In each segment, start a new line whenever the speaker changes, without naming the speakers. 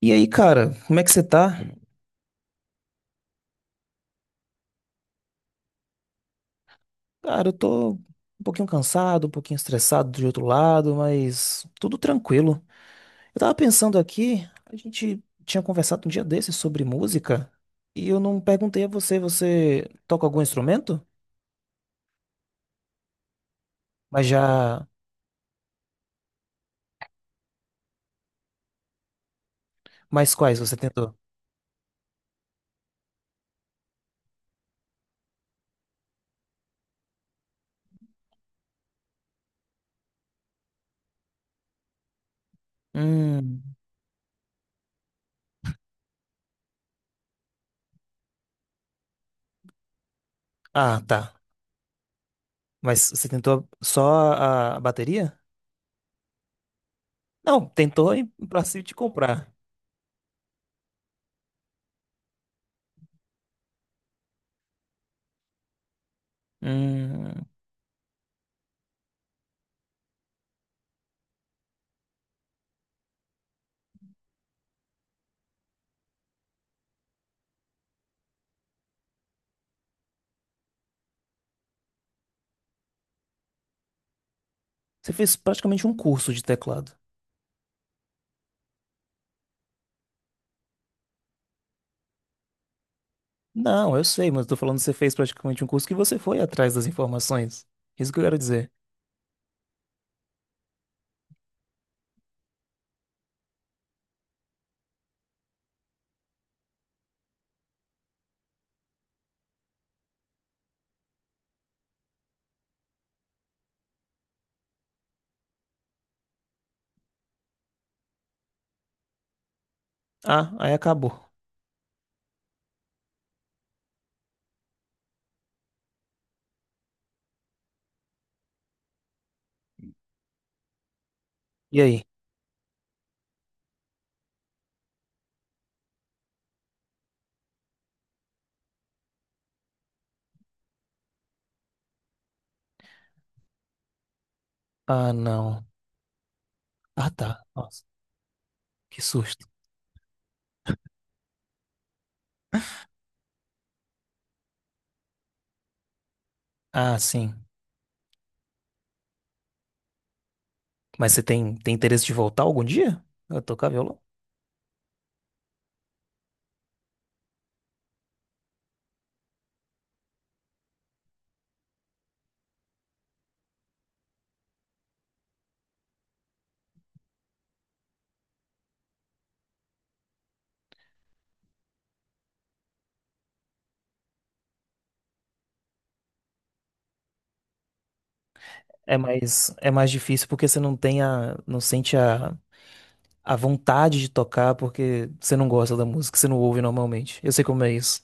E aí, cara, como é que você tá? Cara, eu tô um pouquinho cansado, um pouquinho estressado de outro lado, mas tudo tranquilo. Eu tava pensando aqui, a gente tinha conversado um dia desses sobre música, e eu não perguntei a você, você toca algum instrumento? Mas já. Mas quais você tentou? Hum. Ah, tá. Mas você tentou só a bateria? Não, tentou e pra se te comprar. Hum. Você fez praticamente um curso de teclado. Não, eu sei, mas eu tô falando que você fez praticamente um curso que você foi atrás das informações. Isso que eu quero dizer. Ah, aí acabou. E aí? Ah, não. Ah, tá. Nossa, que susto. Ah, sim. Mas você tem interesse de voltar algum dia? A tocar violão? É é mais difícil porque você não tem não sente a vontade de tocar porque você não gosta da música, você não ouve normalmente. Eu sei como é isso.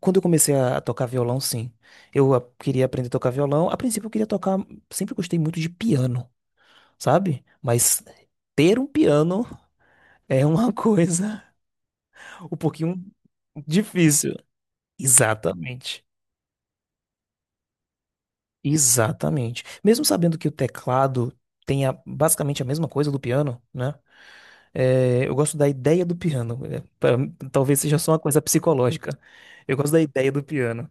Quando eu comecei a tocar violão, sim. Eu queria aprender a tocar violão. A princípio, eu queria tocar. Sempre gostei muito de piano, sabe? Mas ter um piano é uma coisa um pouquinho difícil. Exatamente. Exatamente. Mesmo sabendo que o teclado tem basicamente a mesma coisa do piano, né? É, eu gosto da ideia do piano. Talvez seja só uma coisa psicológica. Eu gosto da ideia do piano.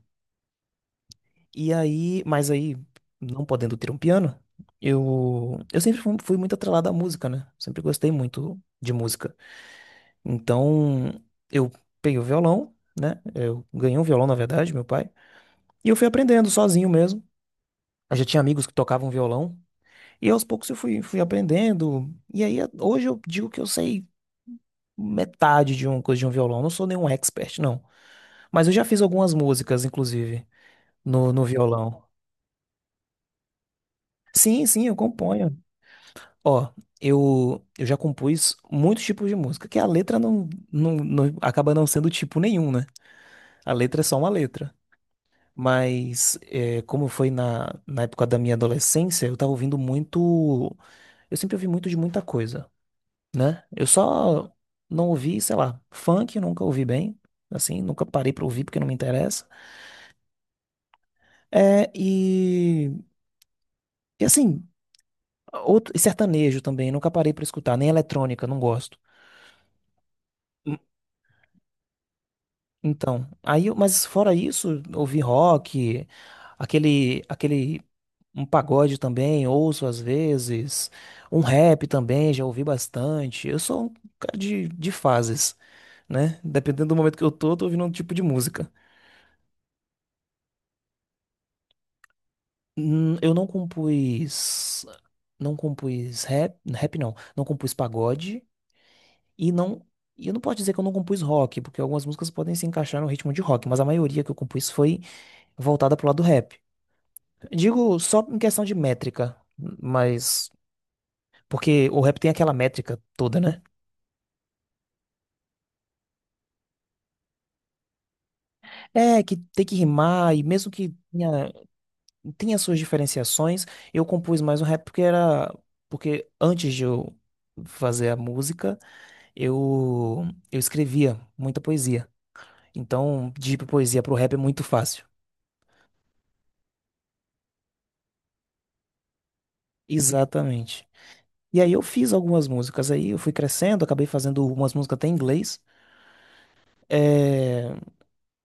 E aí, mas aí, não podendo ter um piano, eu sempre fui muito atrelado à música, né? Sempre gostei muito de música. Então, eu peguei o violão, né? Eu ganhei um violão, na verdade, meu pai. E eu fui aprendendo sozinho mesmo. Eu já tinha amigos que tocavam violão. E aos poucos eu fui aprendendo. E aí, hoje eu digo que eu sei metade de uma coisa de um violão. Não sou nenhum expert, não. Mas eu já fiz algumas músicas, inclusive, no violão. Sim, sim, eu componho. Ó, eu já compus muitos tipos de música, que a letra não acaba não sendo tipo nenhum, né? A letra é só uma letra. Mas como foi na época da minha adolescência, eu tava ouvindo muito. Eu sempre ouvi muito de muita coisa, né? Eu só não ouvi, sei lá, funk, eu nunca ouvi bem. Assim, nunca parei pra ouvir porque não me interessa. É, e assim, e sertanejo também, nunca parei pra escutar, nem eletrônica, não gosto. Hum. Então, aí, mas fora isso, ouvi rock, aquele. Um pagode também, ouço às vezes. Um rap também, já ouvi bastante. Eu sou um cara de fases, né? Dependendo do momento que eu tô ouvindo um tipo de música. Hum. Eu não compus. Não compus rap. Rap não. Não compus pagode. E não. E eu não posso dizer que eu não compus rock, porque algumas músicas podem se encaixar no ritmo de rock, mas a maioria que eu compus foi voltada pro lado do rap. Digo só em questão de métrica, mas. Porque o rap tem aquela métrica toda, né? É, que tem que rimar, e mesmo que tinha suas diferenciações, eu compus mais um rap porque era. Porque antes de eu fazer a música, eu, eu escrevia muita poesia. Então, de poesia pro rap é muito fácil. Exatamente. E aí eu fiz algumas músicas aí, eu fui crescendo, acabei fazendo umas músicas até em inglês. É,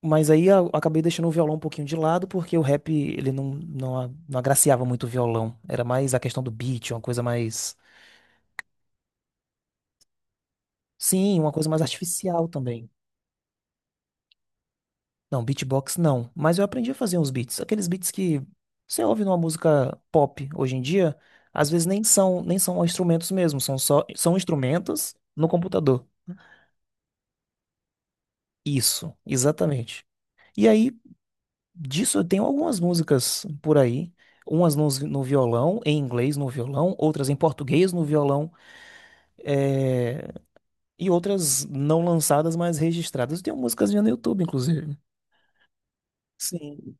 mas aí eu acabei deixando o violão um pouquinho de lado, porque o rap ele não não agraciava muito o violão. Era mais a questão do beat, uma coisa mais. Sim, uma coisa mais artificial também. Não, beatbox não. Mas eu aprendi a fazer uns beats. Aqueles beats que você ouve numa música pop hoje em dia, às vezes nem são instrumentos mesmo, são instrumentos no computador. Isso, exatamente. E aí, disso eu tenho algumas músicas por aí. Umas nos- no, Violão, em inglês no violão, outras em português no violão, eh, e outras não lançadas, mas registradas. Eu tenho músicas minhas no YouTube, inclusive. Sim.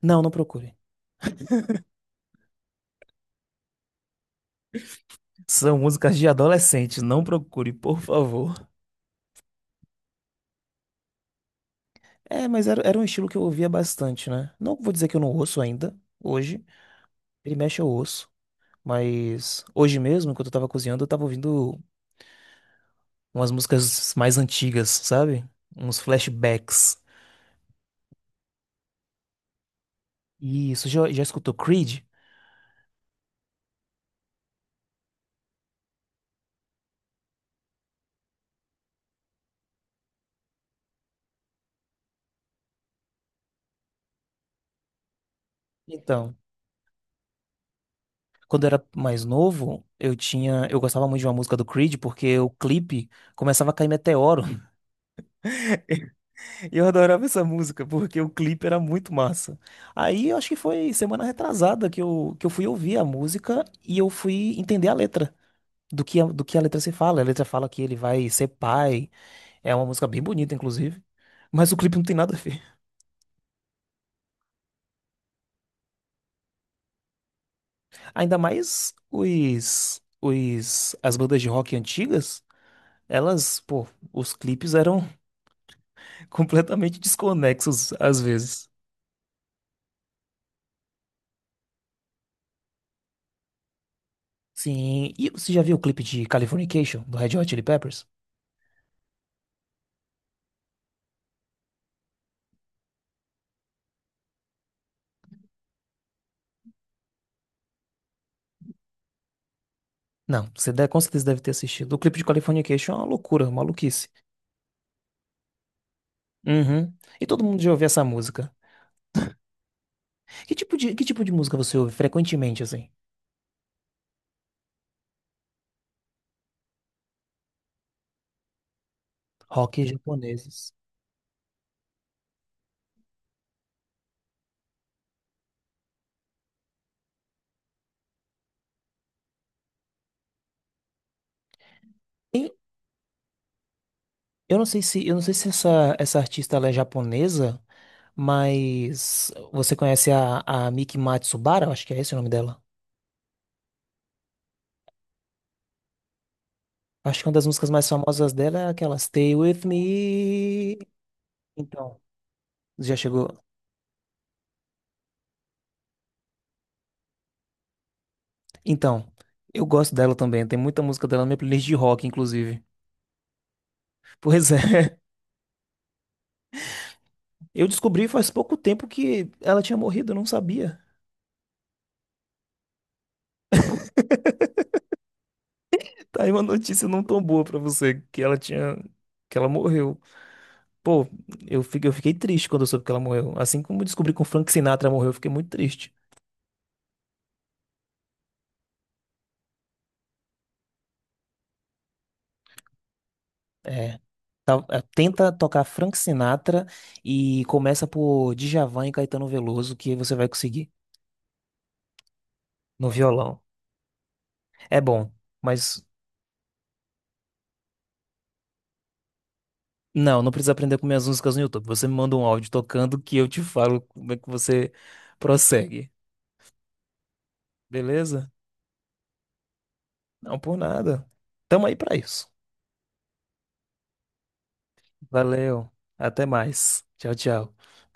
Não, não procure. São músicas de adolescente, não procure, por favor. É, mas era um estilo que eu ouvia bastante, né? Não vou dizer que eu não ouço ainda, hoje. Ele mexe eu ouço. Mas hoje mesmo, enquanto eu tava cozinhando, eu tava ouvindo umas músicas mais antigas, sabe? Uns flashbacks. E isso, já escutou Creed? Então, quando eu era mais novo, eu gostava muito de uma música do Creed porque o clipe começava a cair meteoro. E eu adorava essa música porque o clipe era muito massa. Aí eu acho que foi semana retrasada que eu fui ouvir a música e eu fui entender a letra do que a letra se fala. A letra fala que ele vai ser pai. É uma música bem bonita, inclusive. Mas o clipe não tem nada a ver. Ainda mais as bandas de rock antigas, elas, pô, os clipes eram completamente desconexos às vezes. Sim, e você já viu o clipe de Californication, do Red Hot Chili Peppers? Não, você deve, com certeza deve ter assistido. O clipe de Californication é uma loucura, uma maluquice. Uhum. E todo mundo já ouviu essa música. Que tipo que tipo de música você ouve frequentemente, assim? Rock japoneses. E eu não sei se, eu não sei se essa artista ela é japonesa, mas você conhece a Miki Matsubara? Eu acho que é esse o nome dela. Acho que uma das músicas mais famosas dela é aquela Stay With Me. Então, já chegou. Então, eu gosto dela também. Tem muita música dela na minha playlist de rock, inclusive. Pois é, eu descobri faz pouco tempo que ela tinha morrido, eu não sabia. Tá aí uma notícia não tão boa pra você, que ela tinha, que ela morreu. Pô, eu fiquei triste quando eu soube que ela morreu. Assim como eu descobri que o Frank Sinatra morreu, eu fiquei muito triste. É. Tenta tocar Frank Sinatra e começa por Djavan e Caetano Veloso, que você vai conseguir no violão. É bom. Mas não, não precisa aprender com minhas músicas no YouTube. Você me manda um áudio tocando que eu te falo como é que você prossegue. Beleza? Não por nada. Tamo aí pra isso. Valeu. Até mais. Tchau, tchau.